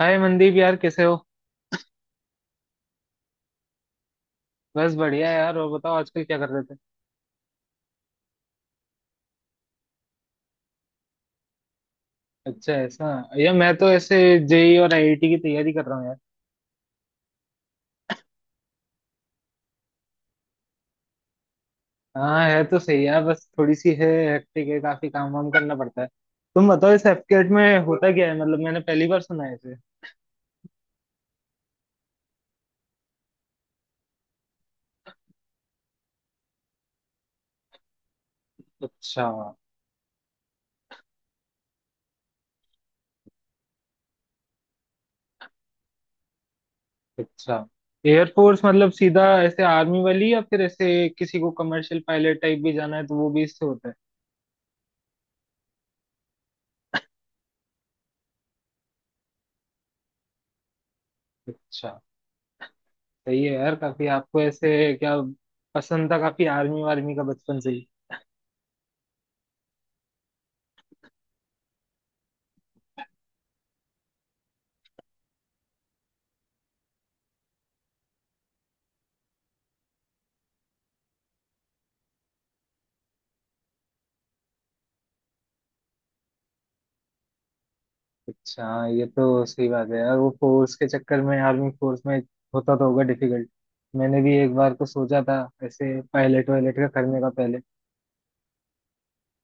हाय मनदीप यार, कैसे हो। बस बढ़िया यार। और बताओ आजकल क्या कर रहे थे। अच्छा ऐसा। यार मैं तो ऐसे जेई और आईआईटी की तैयारी कर रहा हूँ यार। हाँ है तो सही यार, बस थोड़ी सी है हेक्टिक है। काफी काम वाम करना पड़ता है। तुम बताओ इस एफकेट में होता क्या है? मतलब मैंने पहली बार सुना है इसे। अच्छा अच्छा। एयरफोर्स मतलब सीधा ऐसे आर्मी वाली, या फिर ऐसे किसी को कमर्शियल पायलट टाइप भी जाना है तो वो भी इससे होता है? अच्छा, सही है यार काफी। आपको ऐसे क्या पसंद था, काफी आर्मी वार्मी का बचपन से। अच्छा हाँ, ये तो सही बात है यार। वो फोर्स के चक्कर में आर्मी फोर्स में होता तो होगा डिफिकल्ट। मैंने भी एक बार को सोचा था ऐसे पायलट वायलट का करने का पहले,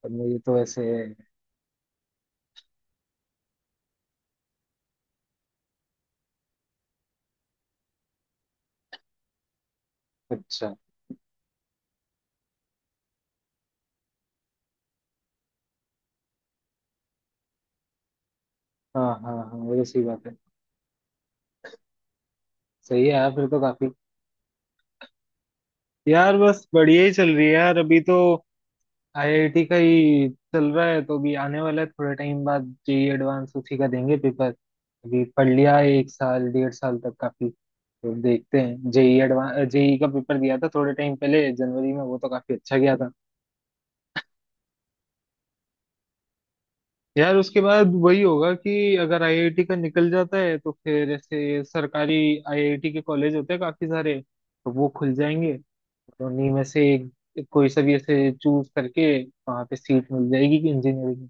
पर मुझे तो ऐसे। अच्छा। हाँ हाँ हाँ, वो तो सही बात है। सही है यार, फिर तो काफी। यार बस बढ़िया ही चल रही है यार, अभी तो आईआईटी का ही चल रहा है। तो अभी आने वाला है थोड़े टाइम बाद जेई एडवांस, उसी का देंगे पेपर। अभी पढ़ लिया है एक साल 1.5 साल तक काफी। तो देखते हैं जेई एडवांस। जेई का पेपर दिया था थोड़े टाइम पहले जनवरी में, वो तो काफी अच्छा गया था। यार उसके बाद वही होगा कि अगर आईआईटी का निकल जाता है तो फिर ऐसे सरकारी आईआईटी के कॉलेज होते हैं काफी सारे तो वो खुल जाएंगे। तो उन्हीं में से एक कोई सा भी ऐसे चूज करके वहां पे सीट मिल जाएगी कि इंजीनियरिंग।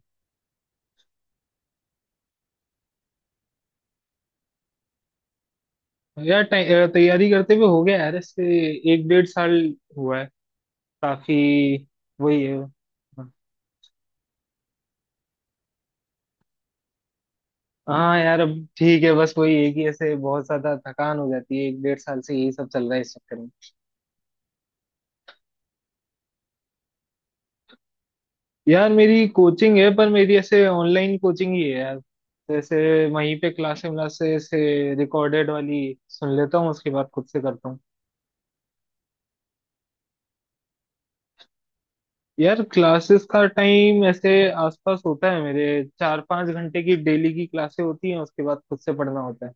यार तैयारी करते हुए हो गया यार इससे एक 1.5 साल हुआ है काफी। वही है। हाँ यार अब ठीक है, बस वही है कि ऐसे बहुत ज्यादा थकान हो जाती है, एक डेढ़ साल से यही सब चल रहा है इस चक्कर में। यार मेरी कोचिंग है, पर मेरी ऐसे ऑनलाइन कोचिंग ही है यार। जैसे वहीं पे क्लासेस व्लासेस ऐसे रिकॉर्डेड वाली सुन लेता हूँ, उसके बाद खुद से करता हूँ। यार क्लासेस का टाइम ऐसे आसपास होता है मेरे। 4-5 घंटे की डेली की क्लासेस होती हैं, उसके बाद खुद से पढ़ना होता है।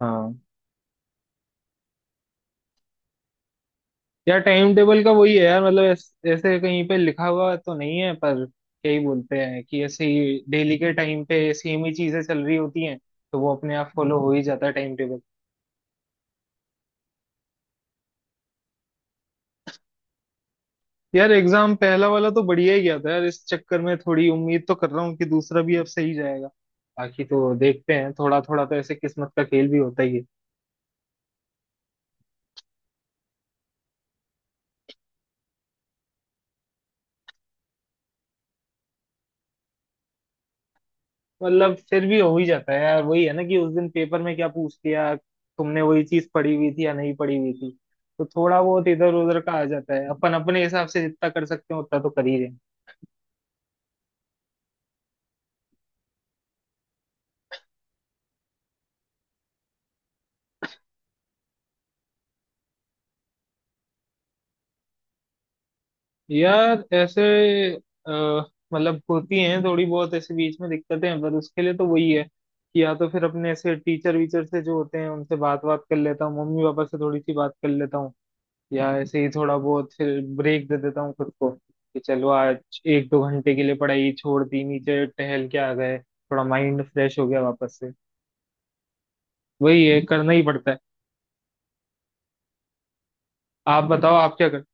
हाँ। यार टाइम टेबल का वही है यार, मतलब ऐसे कहीं पे लिखा हुआ तो नहीं है, पर क्या ही बोलते हैं कि ऐसे ही डेली के टाइम पे सेम ही चीजें चल रही होती हैं। तो वो अपने आप फॉलो हो ही जाता है टाइम टेबल। यार एग्जाम पहला वाला तो बढ़िया ही गया था यार। इस चक्कर में थोड़ी उम्मीद तो कर रहा हूँ कि दूसरा भी अब सही जाएगा। बाकी तो देखते हैं, थोड़ा थोड़ा तो ऐसे किस्मत का खेल भी होता ही है। मतलब फिर भी हो ही जाता है यार, वही है ना कि उस दिन पेपर में क्या पूछ लिया तुमने, वही चीज पढ़ी हुई थी या नहीं पढ़ी हुई थी। तो थोड़ा बहुत इधर उधर का आ जाता है। अपन अपने हिसाब से जितना कर सकते हैं उतना तो कर ही रहे हैं। यार ऐसे, अ, मतलब होती हैं थोड़ी बहुत ऐसे बीच में दिक्कतें हैं, पर उसके लिए तो वही है कि या तो फिर अपने ऐसे टीचर वीचर से जो होते हैं उनसे बात बात कर लेता हूँ, मम्मी पापा से थोड़ी सी बात कर लेता हूँ। या ऐसे ही थोड़ा बहुत फिर ब्रेक दे देता हूँ खुद को कि चलो आज एक दो घंटे के लिए पढ़ाई छोड़ दी, नीचे टहल के आ गए, थोड़ा माइंड फ्रेश हो गया वापस से। वही है करना ही पड़ता है। आप बताओ आप क्या करते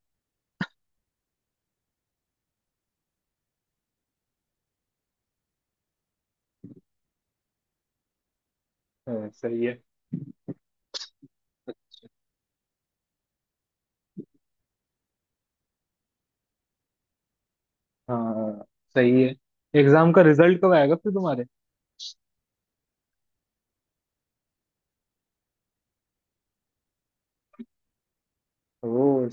हैं। सही है। अच्छा हाँ, सही है। एग्जाम का रिजल्ट कब आएगा फिर तुम्हारे? ओ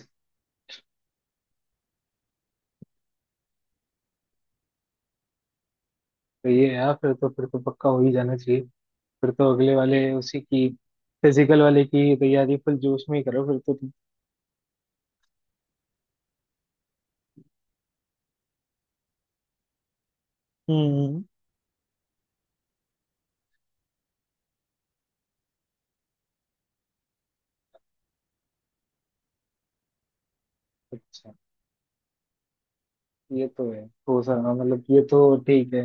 सही है यार, फिर तो पक्का हो ही जाना चाहिए। फिर तो अगले वाले उसी की, फिजिकल वाले की तैयारी फुल जोश में ही करो फिर तो तुम। हम्म। अच्छा ये तो है। हो सका मतलब ये तो ठीक है।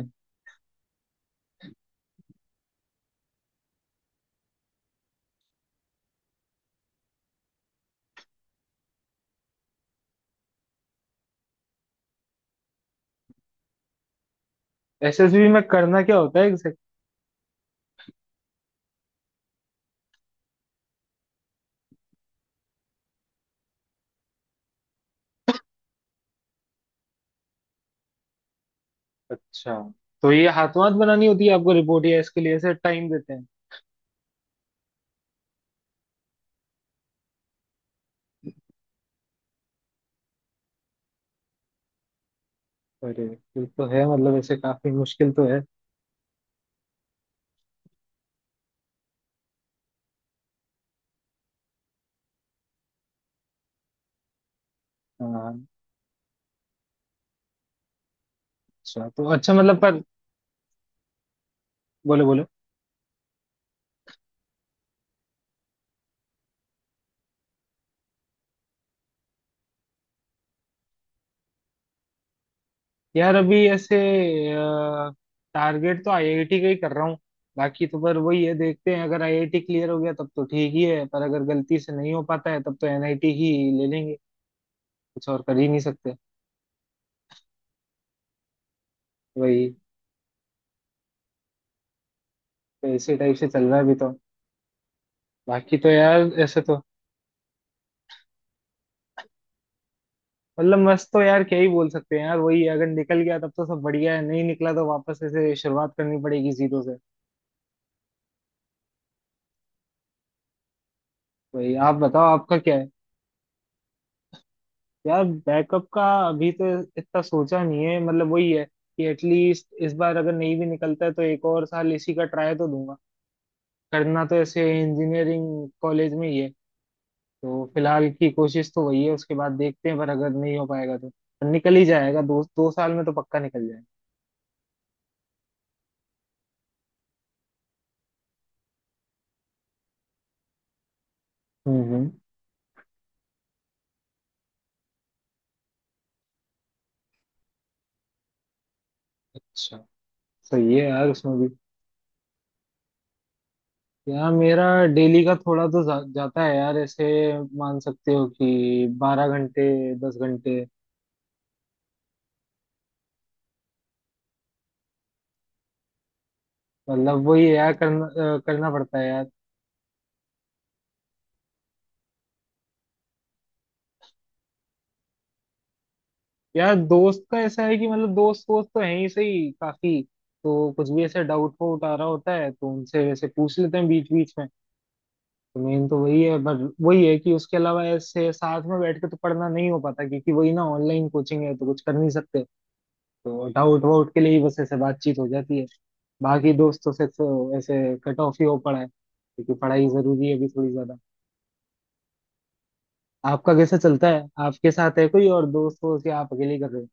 एसएसबी में करना क्या होता है एग्जैक्ट? अच्छा, तो ये हाथों हाथ बनानी होती है आपको रिपोर्ट या इसके लिए ऐसे टाइम देते हैं? अरे ये तो है, मतलब ऐसे काफी मुश्किल तो है। हाँ। अच्छा तो अच्छा मतलब पर, बोलो बोलो। यार अभी ऐसे टारगेट तो आईआईटी का ही कर रहा हूँ। बाकी तो पर वही है देखते हैं, अगर आईआईटी क्लियर हो गया तब तो ठीक ही है, पर अगर गलती से नहीं हो पाता है तब तो एनआईटी ही ले लेंगे। कुछ और कर ही नहीं सकते। वही, तो इसी टाइप से चल रहा है अभी तो। बाकी तो यार ऐसे तो, मतलब मस्त तो यार क्या ही बोल सकते हैं यार, वही है, अगर निकल गया तब तो सब बढ़िया है, नहीं निकला तो वापस ऐसे शुरुआत करनी पड़ेगी जीरो से। वही, आप बताओ आपका क्या है। यार बैकअप का अभी तो इतना सोचा नहीं है, मतलब वही है कि एटलीस्ट इस बार अगर नहीं भी निकलता है तो एक और साल इसी का ट्राई तो दूंगा। करना तो ऐसे इंजीनियरिंग कॉलेज में ही है। तो फिलहाल की कोशिश तो वही है, उसके बाद देखते हैं, पर अगर नहीं हो पाएगा तो निकल ही जाएगा दो दो साल में तो पक्का निकल जाएगा। हम्म हम्म। अच्छा, सही है यार उसमें भी। यार मेरा डेली का थोड़ा तो जाता है यार। ऐसे मान सकते हो कि 12 घंटे, 10 घंटे। मतलब वही यार करना करना पड़ता है यार। यार दोस्त का ऐसा है कि मतलब दोस्त वोस्त तो है ही सही काफी। तो कुछ भी ऐसे डाउट वाउट आ रहा होता है तो उनसे वैसे पूछ लेते हैं बीच बीच में। तो मेन तो वही है, पर वही है कि उसके अलावा ऐसे साथ में बैठ के तो पढ़ना नहीं हो पाता क्योंकि वही ना ऑनलाइन कोचिंग है तो कुछ कर नहीं सकते। तो डाउट वाउट के लिए ही बस ऐसे बातचीत हो जाती है। बाकी दोस्तों से तो ऐसे कट ऑफ ही हो पड़ा है क्योंकि पढ़ाई जरूरी है अभी थोड़ी ज्यादा। आपका कैसा चलता है, आपके साथ है कोई और दोस्त हो कि आप अकेले ही कर रहे हो?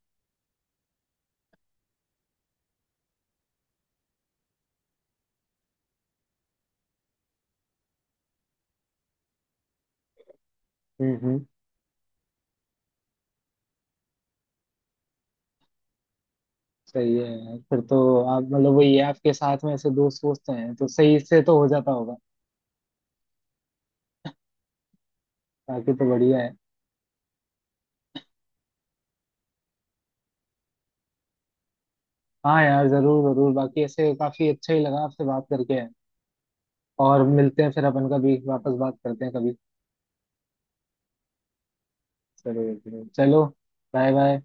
हम्म। सही है यार। फिर तो आप, मतलब वही है आपके साथ में ऐसे दोस्त वोस्त हैं तो सही से तो हो जाता होगा। बाकी तो बढ़िया है। हाँ यार जरूर जरूर, बाकी ऐसे काफी अच्छा ही लगा आपसे बात करके। और मिलते हैं फिर, अपन कभी वापस बात करते हैं कभी। जरूर जरूर चलो। Bye bye.